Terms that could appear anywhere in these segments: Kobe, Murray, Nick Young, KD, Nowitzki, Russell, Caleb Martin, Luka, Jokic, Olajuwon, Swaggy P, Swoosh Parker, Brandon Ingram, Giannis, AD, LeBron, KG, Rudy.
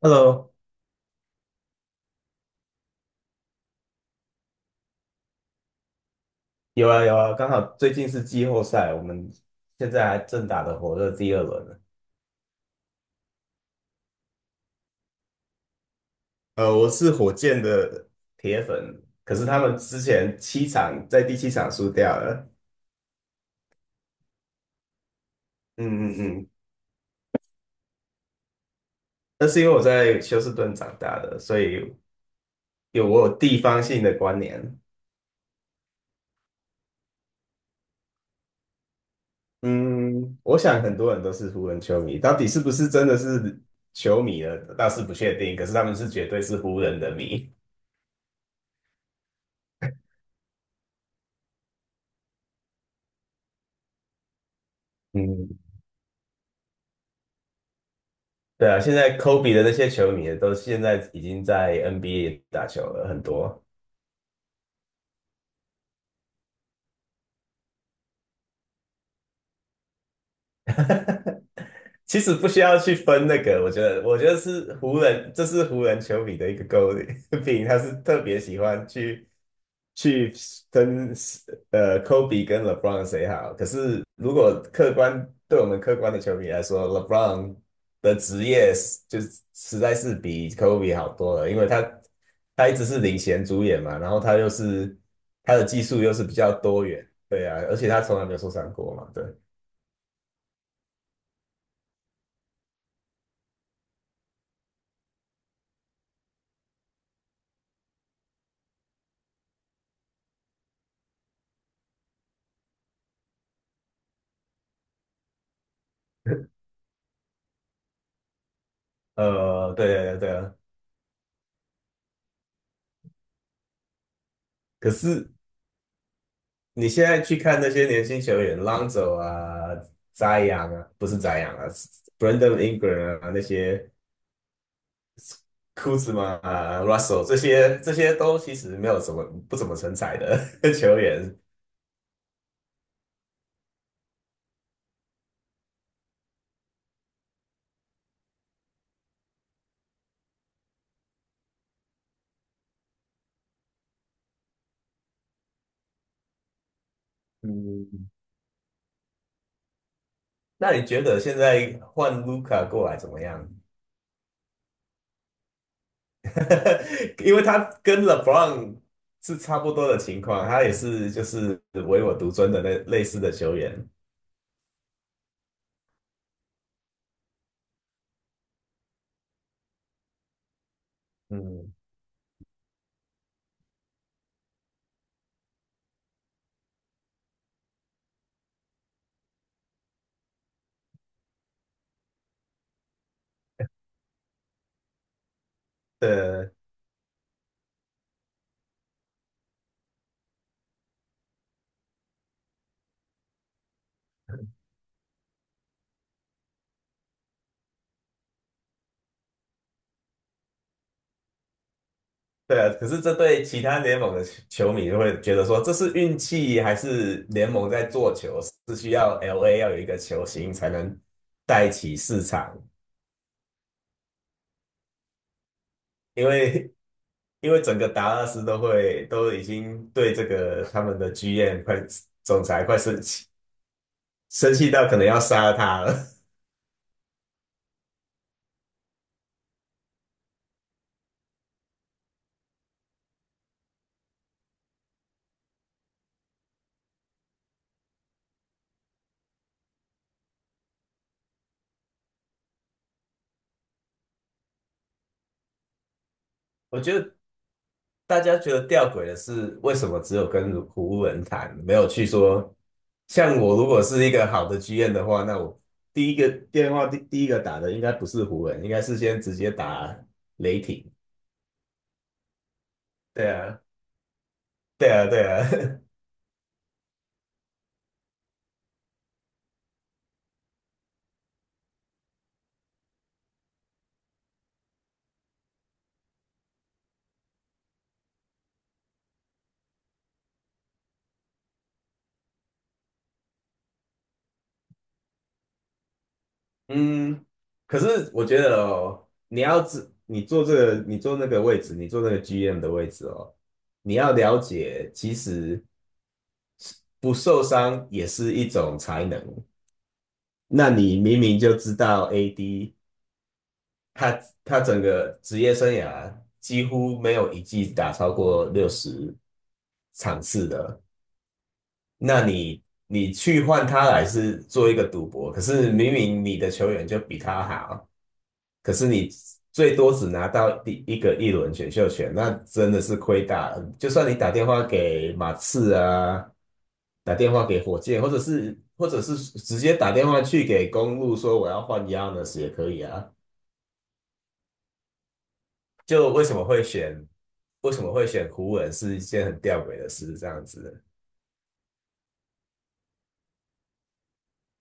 Hello，有啊有啊，刚好最近是季后赛，我们现在还正打的火热第二轮呢。我是火箭的铁粉，可是他们之前七场在第七场输掉了。嗯嗯嗯，那是因为我在休斯顿长大的，所以有我有地方性的观念。嗯，我想很多人都是湖人球迷，到底是不是真的是球迷呢？倒是不确定，可是他们是绝对是湖人的迷。嗯。对啊，现在 Kobe 的那些球迷都现在已经在 NBA 打球了，很多。其实不需要去分那个，我觉得是湖人，这是湖人球迷的一个诟病，他是特别喜欢去跟Kobe 跟 LeBron 谁好。可是如果客观对我们客观的球迷来说，LeBron 的职业是就是实在是比 Kobe 好多了，因为他一直是领衔主演嘛，然后他又是他的技术又是比较多元，对啊，而且他从来没有受伤过嘛，对。对对对啊，可是你现在去看那些年轻球员，浪走啊、扎养啊，不是扎养啊，Brandon Ingram 啊那些，库兹马啊、Russell 这些，这些都其实没有什么不怎么成才的 球员。嗯，那你觉得现在换 Luka 过来怎么样？因为他跟 LeBron 是差不多的情况，他也是就是唯我独尊的那类似的球员。嗯，对对啊，可是这对其他联盟的球迷就会觉得说，这是运气还是联盟在做球？是需要 LA 要有一个球星才能带起市场，因为因为整个达拉斯都已经对这个他们的 GM 快总裁快生气，生气到可能要杀了他了。我觉得大家觉得吊诡的是，为什么只有跟湖人谈，没有去说像我如果是一个好的 GM 的话，那我第一个打的应该不是湖人，应该是先直接打雷霆。对啊，对啊，对啊。嗯，可是我觉得哦，你要知你坐这个，你坐那个位置，你坐那个 GM 的位置哦，你要了解，其实不受伤也是一种才能。那你明明就知道 AD 他整个职业生涯几乎没有一季打超过60场次的，那你去换他来是做一个赌博，可是明明你的球员就比他好。可是你最多只拿到第一个一轮选秀权，那真的是亏大了。就算你打电话给马刺啊，打电话给火箭，或者是直接打电话去给公路说我要换 Giannis 也可以啊。就为什么会选湖人是一件很吊诡的事，这样子。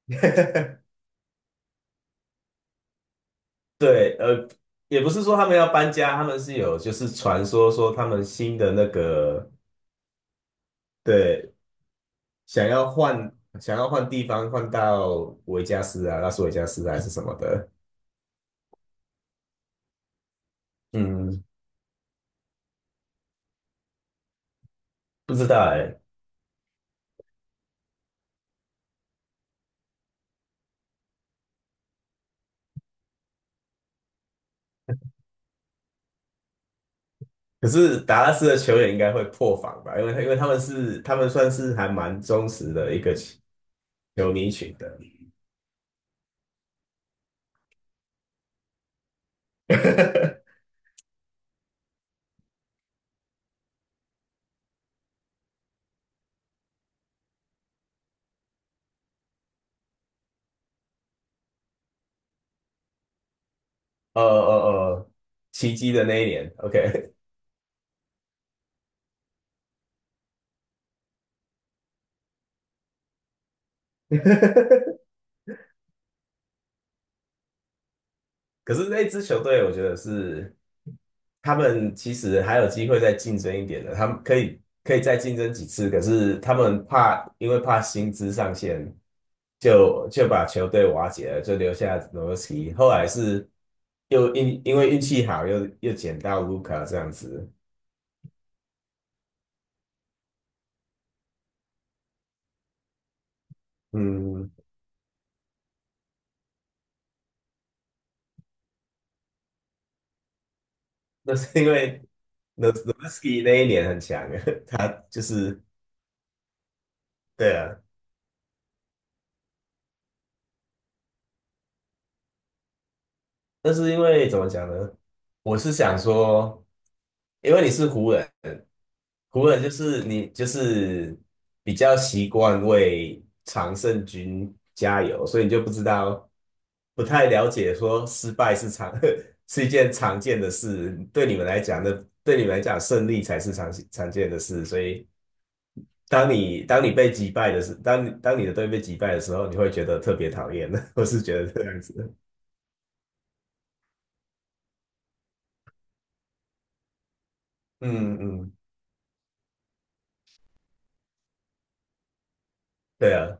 对，也不是说他们要搬家，他们是有就是传说说他们新的那个对想要换想要换地方，换到维加斯啊、拉斯维加斯啊还是什么的，嗯，不知道哎。可是达拉斯的球员应该会破防吧？因为他们算是还蛮忠实的一个球迷群的。哦哦哦，奇迹的那一年，OK,可是那支球队，我觉得是他们其实还有机会再竞争一点的，他们可以再竞争几次，可是他们怕因为怕薪资上限，就把球队瓦解了，就留下诺维斯基。后来是又因为运气好，又捡到卢卡这样子，嗯，那是因为诺维斯基那一年很强，他就是对啊，但是因为怎么讲呢？我是想说，因为你是湖人，湖人就是你就是比较习惯为常胜军加油，所以你就不知道，不太了解说失败是常 是一件常见的事，对你们来讲的，对你们来讲胜利才是常见的事，所以当你的队被击败的时候，你会觉得特别讨厌，的。我是觉得这样子。嗯嗯，对啊。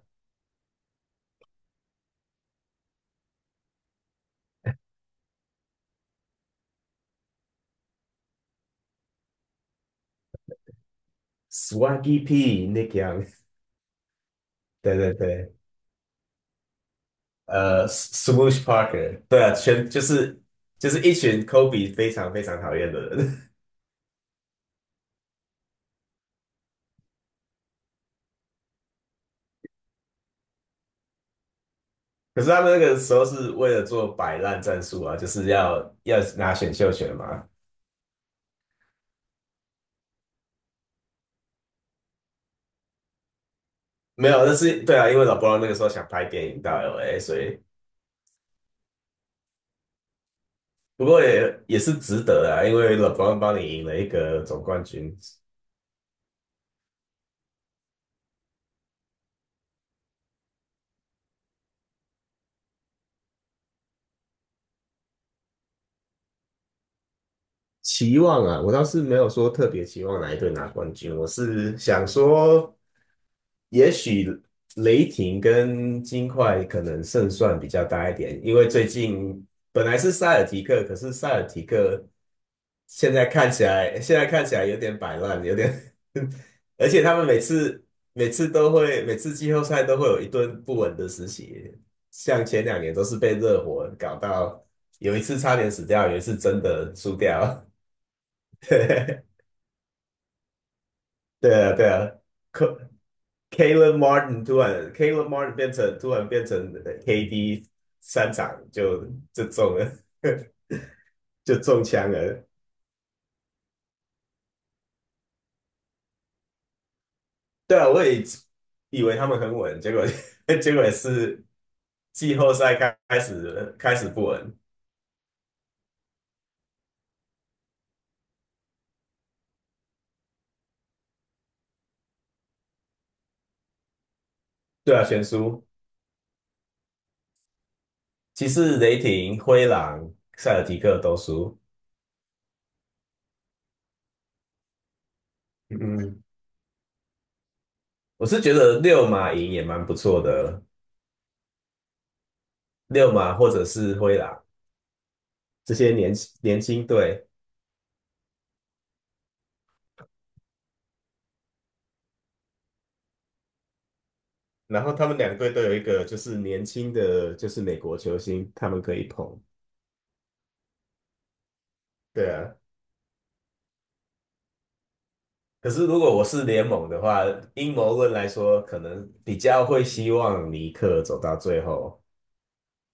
Swaggy P Nick Young,对对对，Swoosh Parker,对啊，全就是就是一群 Kobe 非常非常讨厌的人。可是他们那个时候是为了做摆烂战术啊，就是要拿选秀权嘛。没有，那是对啊，因为老 e b 那个时候想拍电影到 LA,所以不过也是值得啊，因为老 e b 帮你赢了一个总冠军。期望啊，我倒是没有说特别期望哪一队拿冠军，我是想说也许雷霆跟金块可能胜算比较大一点，因为最近本来是塞尔提克，可是塞尔提克现在看起来有点摆烂，有点，而且他们每次季后赛都会有一顿不稳的实习，像前2年都是被热火搞到，有一次差点死掉，有一次真的输掉。对啊，对啊，可。Caleb Martin 突然，Caleb Martin 变成KD 三场就中了 就中枪了。对啊，我也以为他们很稳，结果 结果也是季后赛开始不稳。对啊，全输。其士、雷霆、灰狼、塞尔提克都输。嗯，我是觉得六马赢也蛮不错的，六马或者是灰狼这些年年轻队。然后他们两队都有一个就是年轻的，就是美国球星，他们可以捧。对啊，可是如果我是联盟的话，阴谋论来说，可能比较会希望尼克走到最后，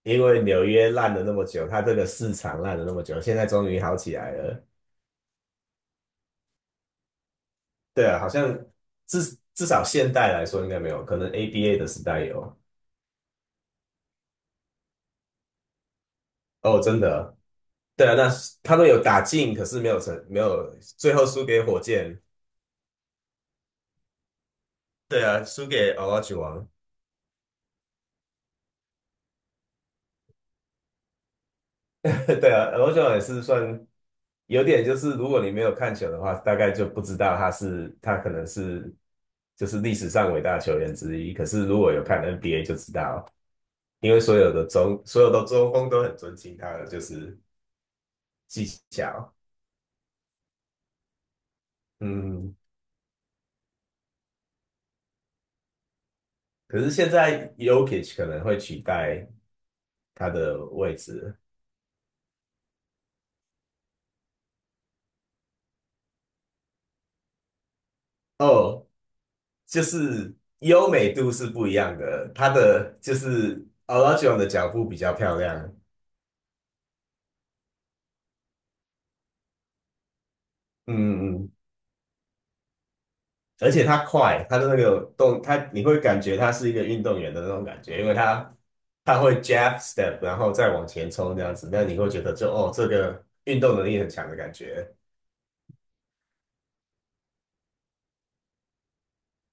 因为纽约烂了那么久，他这个市场烂了那么久，现在终于好起来了。对啊，好像至少现代来说应该没有，可能 ABA 的时代有。哦，真的，对啊，那他们有打进，可是没有成，没有最后输给火箭。对啊，输给 o l a j u w o 对啊，罗球也是算有点，就是如果你没有看球的话，大概就不知道他是他可能是就是历史上伟大球员之一。可是如果有看 NBA 就知道，因为所有的中锋都很尊敬他的就是技巧。嗯，可是现在 y o k i c 可能会取代他的位置哦，就是优美度是不一样的，他的就是 o l a j o 的脚步比较漂亮。嗯嗯，而且他快，他的那个动，他你会感觉他是一个运动员的那种感觉，因为他他会 jab step,然后再往前冲这样子，那你会觉得就哦，这个运动能力很强的感觉，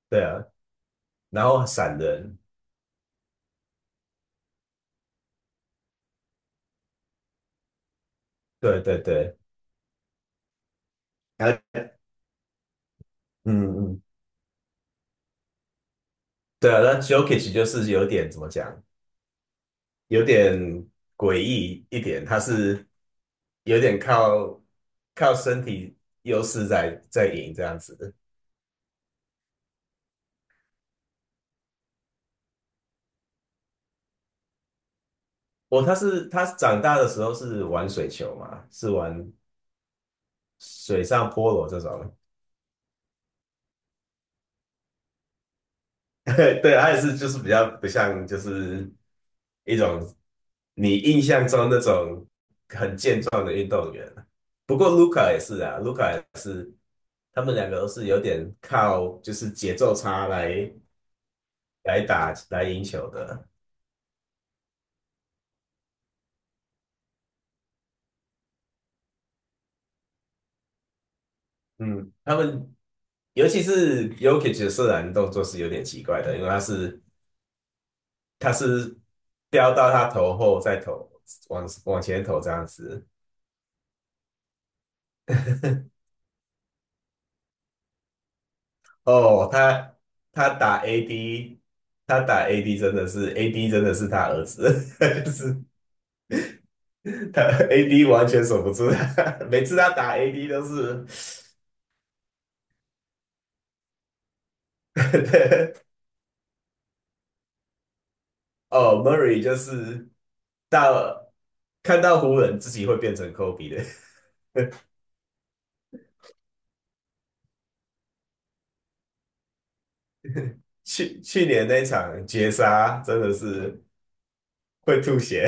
对啊，然后闪人，对对对，然后嗯嗯，对啊，那 Jokic 就是有点怎么讲，有点诡异一点，他是有点靠身体优势在赢这样子。我他是他长大的时候是玩水球嘛，是玩水上菠萝这种，对，他也是就是比较不像就是一种你印象中那种很健壮的运动员。不过卢卡也是啊，卢卡也是，他们两个都是有点靠就是节奏差来打来赢球的。嗯，他们尤其是 Jokic 的射篮动作是有点奇怪的，因为他是飙到他头后再投往前投这样子。哦，他打 AD,真的是 AD 真的是他儿子，就是他 AD 完全守不住他，每次他打 AD 都是，对，哦，Murray 就是到看到湖人自己会变成 Kobe 的，去年那场绝杀真的是会吐血，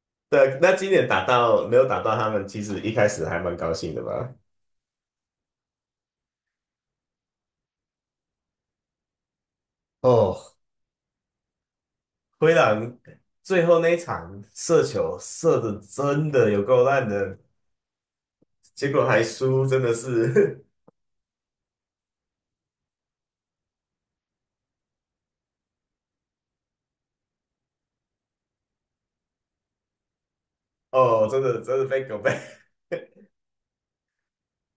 对啊，那今年打到没有打到他们，其实一开始还蛮高兴的吧。哦，灰狼最后那一场射球射的真的有够烂的，结果还输，真的是 哦，真的真的被狗背。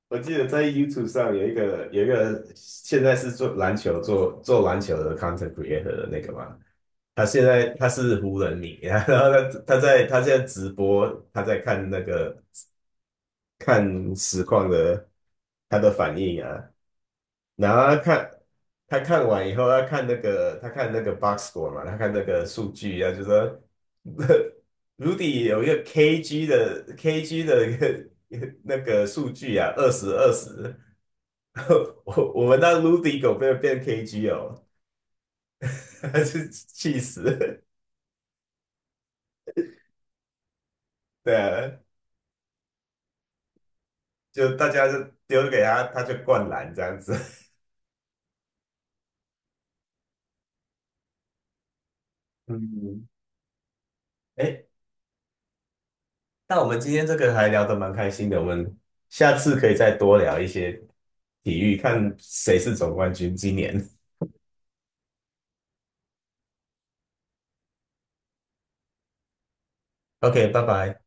我记得在 YouTube 上有一个现在是做篮球的 content creator 的那个嘛，他现在他是湖人迷，然后他现在直播，他在看那个看实况的他的反应啊，然后他看完以后，他看那个，他看那个 box score 嘛，他看那个数据啊，就说 Rudy 有一个 KG 的一个那个数据啊，20-20，我们那 Rudy 狗变 KG 哦，还是气死，对啊，就大家就丢给他，他就灌篮这样子。嗯，哎，那我们今天这个还聊得蛮开心的，我们下次可以再多聊一些体育，看谁是总冠军今年。OK,拜拜。